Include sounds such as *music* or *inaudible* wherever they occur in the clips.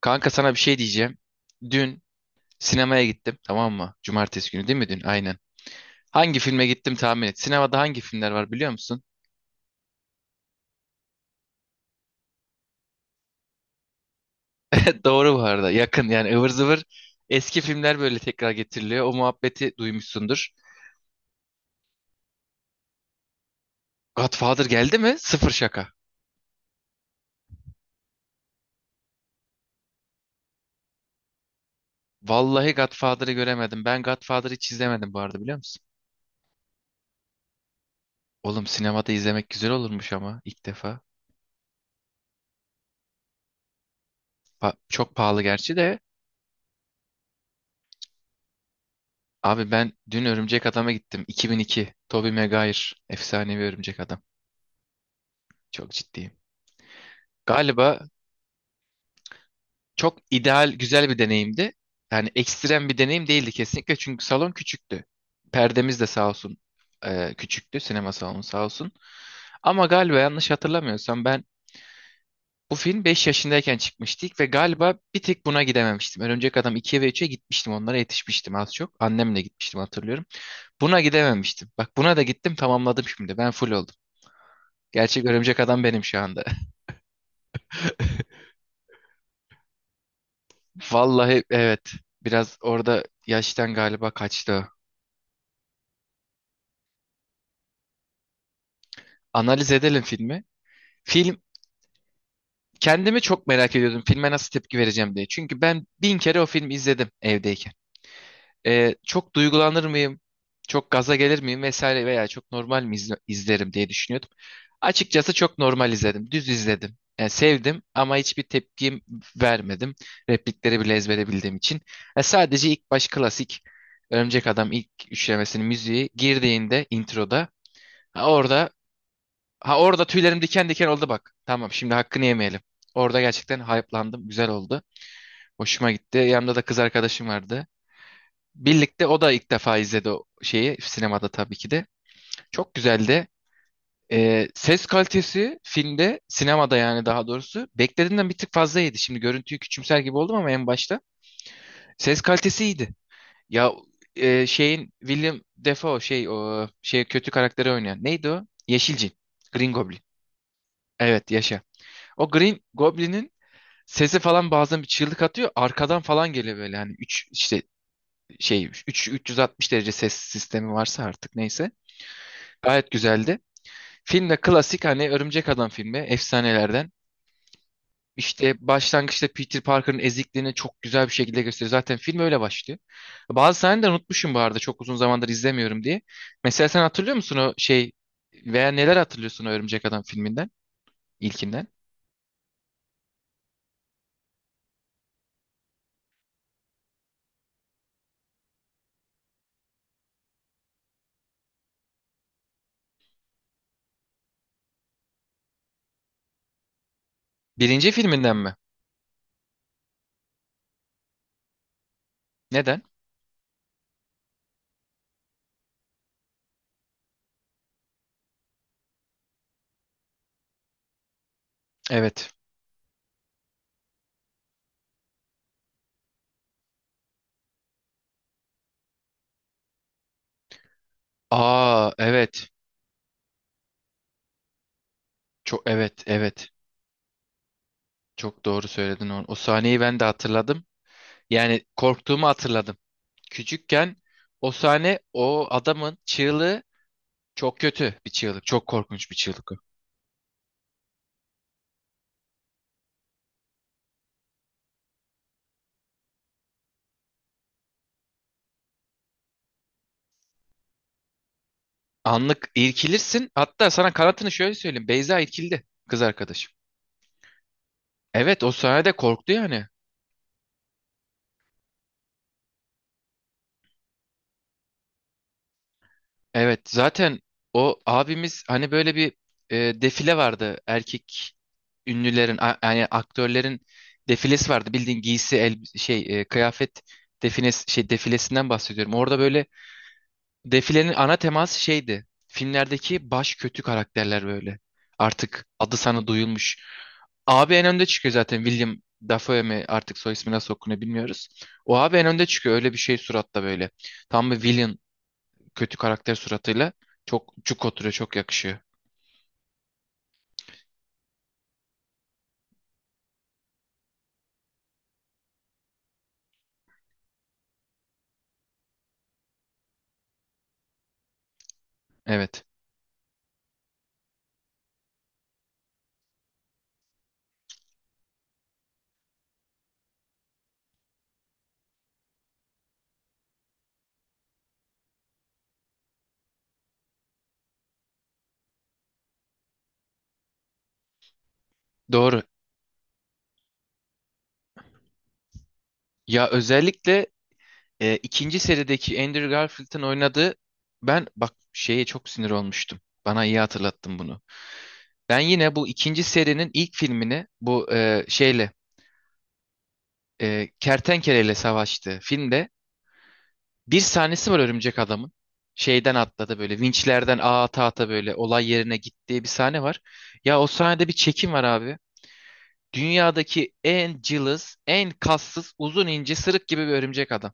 Kanka sana bir şey diyeceğim. Dün sinemaya gittim, tamam mı? Cumartesi günü değil mi dün? Aynen. Hangi filme gittim tahmin et. Sinemada hangi filmler var biliyor musun? *laughs* Doğru bu arada. Yakın yani, ıvır zıvır eski filmler böyle tekrar getiriliyor. O muhabbeti duymuşsundur. Godfather geldi mi? Sıfır şaka. Vallahi Godfather'ı göremedim. Ben Godfather'ı hiç izlemedim bu arada, biliyor musun? Oğlum sinemada izlemek güzel olurmuş ama ilk defa. Çok pahalı gerçi de. Abi ben dün Örümcek Adam'a gittim. 2002. Tobey Maguire. Efsanevi Örümcek Adam. Çok ciddiyim. Galiba çok ideal, güzel bir deneyimdi. Yani ekstrem bir deneyim değildi kesinlikle, çünkü salon küçüktü. Perdemiz de sağ olsun küçüktü. Sinema salonu sağ olsun. Ama galiba yanlış hatırlamıyorsam ben bu film 5 yaşındayken çıkmıştık ve galiba bir tek buna gidememiştim. Örümcek Adam 2'ye ve 3'e gitmiştim. Onlara yetişmiştim az çok. Annemle gitmiştim, hatırlıyorum. Buna gidememiştim. Bak, buna da gittim, tamamladım şimdi. Ben full oldum. Gerçek Örümcek Adam benim şu anda. Vallahi evet. Biraz orada yaştan galiba kaçtı o. Analiz edelim filmi. Film, kendimi çok merak ediyordum. Filme nasıl tepki vereceğim diye. Çünkü ben bin kere o filmi izledim evdeyken. Çok duygulanır mıyım? Çok gaza gelir miyim vesaire, veya çok normal mi izlerim diye düşünüyordum. Açıkçası çok normal izledim. Düz izledim. Yani sevdim ama hiçbir tepkim vermedim. Replikleri bile ezbere bildiğim için. Sadece ilk baş, klasik Örümcek Adam ilk üçlemesinin müziği girdiğinde introda, ha orada ha orada tüylerim diken diken oldu bak. Tamam, şimdi hakkını yemeyelim. Orada gerçekten hype'landım. Güzel oldu. Hoşuma gitti. Yanımda da kız arkadaşım vardı. Birlikte, o da ilk defa izledi o şeyi sinemada tabii ki de. Çok güzeldi. Ses kalitesi filmde, sinemada yani, daha doğrusu beklediğimden bir tık fazlaydı. Şimdi görüntüyü küçümser gibi oldum ama en başta ses kalitesi iyiydi. Ya şeyin, William Defoe, şey, o şey, kötü karakteri oynayan neydi o? Yeşilcin. Green Goblin. Evet, yaşa. O Green Goblin'in sesi falan, bazen bir çığlık atıyor. Arkadan falan geliyor, böyle hani 3 işte şey, 3 360 derece ses sistemi varsa artık, neyse. Gayet güzeldi. Film de klasik hani, Örümcek Adam filmi efsanelerden. İşte başlangıçta Peter Parker'ın ezikliğini çok güzel bir şekilde gösteriyor. Zaten film öyle başlıyor. Bazı sahneleri unutmuşum bu arada, çok uzun zamandır izlemiyorum diye. Mesela sen hatırlıyor musun o şey, veya neler hatırlıyorsun o Örümcek Adam filminden? İlkinden? Birinci filminden mi? Neden? Evet. Aa, evet. Çok, evet, evet. Çok doğru söyledin onu. O sahneyi ben de hatırladım. Yani korktuğumu hatırladım. Küçükken o sahne, o adamın çığlığı, çok kötü bir çığlık. Çok korkunç bir çığlık. Anlık irkilirsin. Hatta sana kanatını şöyle söyleyeyim. Beyza irkildi, kız arkadaşım. Evet, o sahnede korktu yani. Evet zaten, o abimiz hani, böyle bir defile vardı. Erkek ünlülerin yani aktörlerin defilesi vardı. Bildiğin giysi el şey, kıyafet defines şey defilesinden bahsediyorum. Orada böyle, defilenin ana teması şeydi. Filmlerdeki baş kötü karakterler böyle. Artık adı sana duyulmuş. Abi en önde çıkıyor zaten, William Dafoe mi, artık soy ismi nasıl okunuyor bilmiyoruz. O abi en önde çıkıyor, öyle bir şey suratta böyle. Tam bir villain, kötü karakter suratıyla çok cuk oturuyor, çok yakışıyor. Evet. Doğru. Ya özellikle ikinci serideki Andrew Garfield'ın oynadığı, ben bak şeye çok sinir olmuştum. Bana iyi hatırlattın bunu. Ben yine bu ikinci serinin ilk filmini, bu şeyle, kertenkeleyle savaştığı filmde bir sahnesi var örümcek adamın. Şeyden atladı, böyle vinçlerden ağa ata ata böyle olay yerine gittiği bir sahne var. Ya o sahnede bir çekim var abi. Dünyadaki en cılız, en kassız, uzun ince, sırık gibi bir örümcek adam.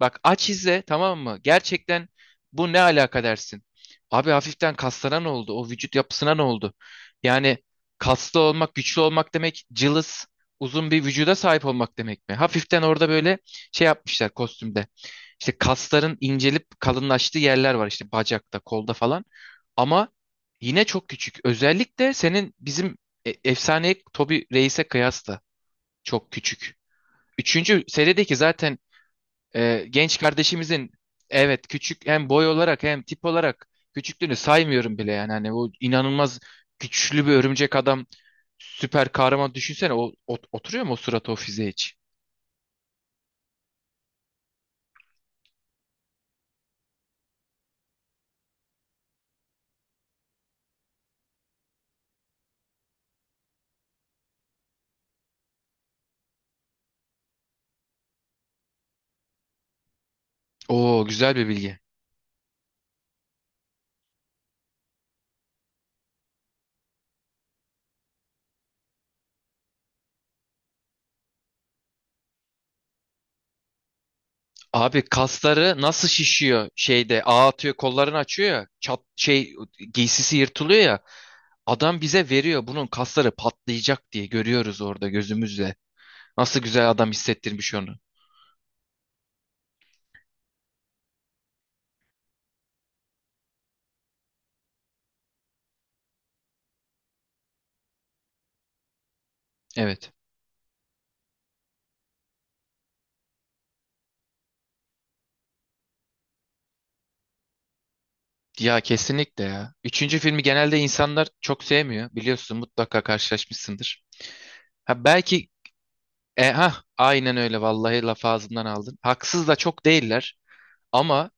Bak, aç izle tamam mı? Gerçekten bu ne alaka dersin? Abi hafiften kaslara ne oldu? O vücut yapısına ne oldu? Yani kaslı olmak, güçlü olmak demek cılız, uzun bir vücuda sahip olmak demek mi? Hafiften orada böyle şey yapmışlar kostümde. İşte kasların incelip kalınlaştığı yerler var, işte bacakta, kolda falan. Ama yine çok küçük. Özellikle senin bizim efsane Toby Reis'e kıyasla çok küçük. Üçüncü serideki zaten genç kardeşimizin, evet, küçük hem boy olarak hem tip olarak. Küçüklüğünü saymıyorum bile yani, hani o inanılmaz güçlü bir örümcek adam, süper kahraman, düşünsene oturuyor mu o suratı o fiziğe hiç? Oo, güzel bir bilgi. Abi kasları nasıl şişiyor, şeyde ağ atıyor, kollarını açıyor ya, çat, şey, giysisi yırtılıyor ya, adam bize veriyor bunun kasları patlayacak diye, görüyoruz orada gözümüzle. Nasıl güzel adam hissettirmiş onu. Evet. Ya kesinlikle ya. Üçüncü filmi genelde insanlar çok sevmiyor. Biliyorsun, mutlaka karşılaşmışsındır. Ha belki aynen, öyle vallahi, laf ağzımdan aldın. Haksız da çok değiller ama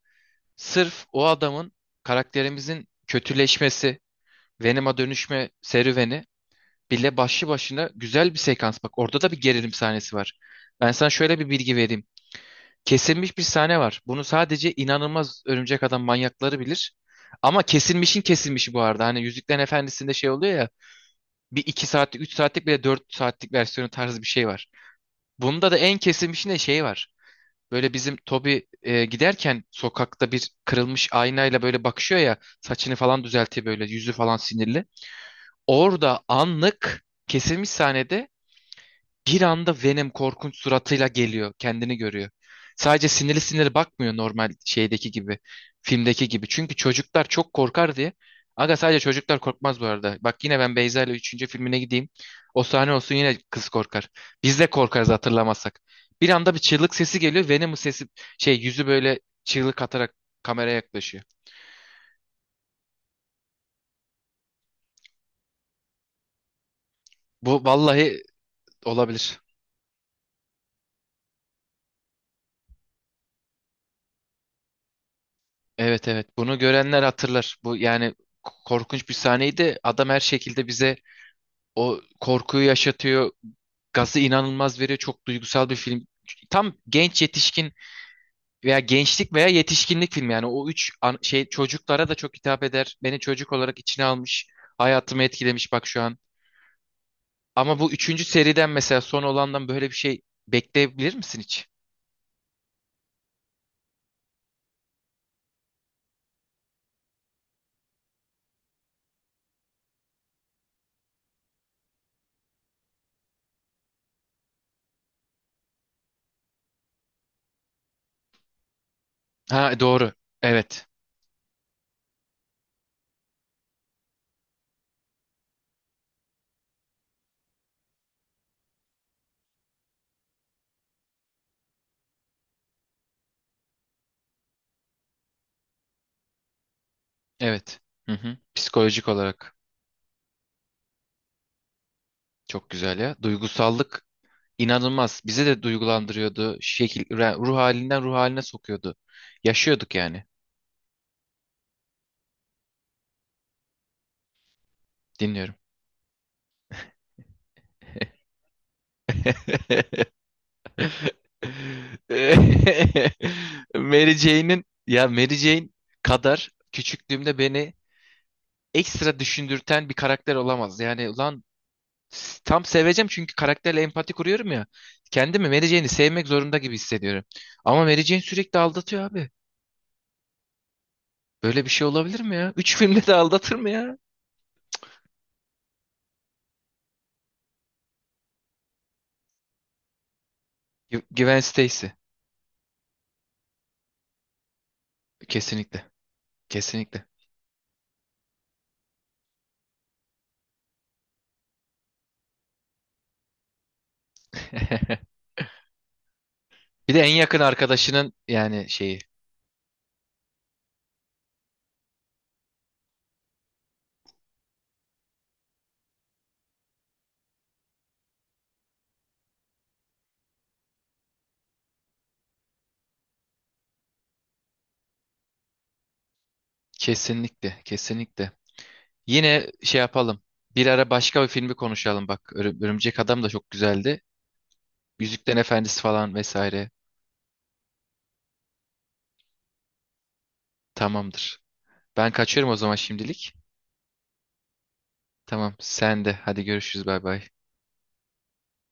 sırf o adamın, karakterimizin kötüleşmesi, Venom'a dönüşme serüveni bile başlı başına güzel bir sekans. Bak orada da bir gerilim sahnesi var. Ben sana şöyle bir bilgi vereyim. Kesilmiş bir sahne var. Bunu sadece inanılmaz örümcek adam manyakları bilir. Ama kesilmişin kesilmişi bu arada. Hani Yüzüklerin Efendisi'nde şey oluyor ya. Bir iki saatlik, üç saatlik, bile dört saatlik versiyonu tarzı bir şey var. Bunda da en kesilmişinde şey var. Böyle bizim Toby giderken sokakta bir kırılmış aynayla böyle bakışıyor ya. Saçını falan düzeltiyor böyle. Yüzü falan sinirli. Orada anlık kesilmiş sahnede bir anda Venom korkunç suratıyla geliyor. Kendini görüyor. Sadece sinirli sinirli bakmıyor, normal şeydeki gibi. Filmdeki gibi. Çünkü çocuklar çok korkar diye. Aga, sadece çocuklar korkmaz bu arada. Bak, yine ben Beyza ile üçüncü filmine gideyim. O sahne olsun, yine kız korkar. Biz de korkarız, hatırlamazsak. Bir anda bir çığlık sesi geliyor. Venom'un sesi, şey, yüzü böyle çığlık atarak kameraya yaklaşıyor. Bu vallahi olabilir. Evet, evet, bunu görenler hatırlar. Bu yani korkunç bir sahneydi. Adam her şekilde bize o korkuyu yaşatıyor. Gazı inanılmaz veriyor. Çok duygusal bir film. Tam genç yetişkin veya gençlik veya yetişkinlik filmi yani, o üç çocuklara da çok hitap eder. Beni çocuk olarak içine almış. Hayatımı etkilemiş bak şu an. Ama bu üçüncü seriden mesela, son olandan böyle bir şey bekleyebilir misin hiç? Ha, doğru. Evet. Evet. Hı hı. Psikolojik olarak çok güzel ya. Duygusallık İnanılmaz. Bize de duygulandırıyordu. Şekil, ruh halinden ruh haline sokuyordu. Yaşıyorduk yani. Dinliyorum. *laughs* Mary Jane'in, ya, Mary Jane kadar küçüklüğümde beni ekstra düşündürten bir karakter olamaz. Yani ulan, tam seveceğim çünkü karakterle empati kuruyorum ya. Kendimi Mary Jane'i sevmek zorunda gibi hissediyorum. Ama Mary Jane sürekli aldatıyor abi. Böyle bir şey olabilir mi ya? Üç filmde de aldatır mı ya? Gwen Stacy. Kesinlikle. Kesinlikle. *laughs* Bir de en yakın arkadaşının, yani şeyi. Kesinlikle, kesinlikle. Yine şey yapalım. Bir ara başka bir filmi konuşalım bak. Örümcek Adam da çok güzeldi. Yüzüklerin Efendisi falan vesaire. Tamamdır. Ben kaçıyorum o zaman şimdilik. Tamam, sen de. Hadi görüşürüz. Bay bay.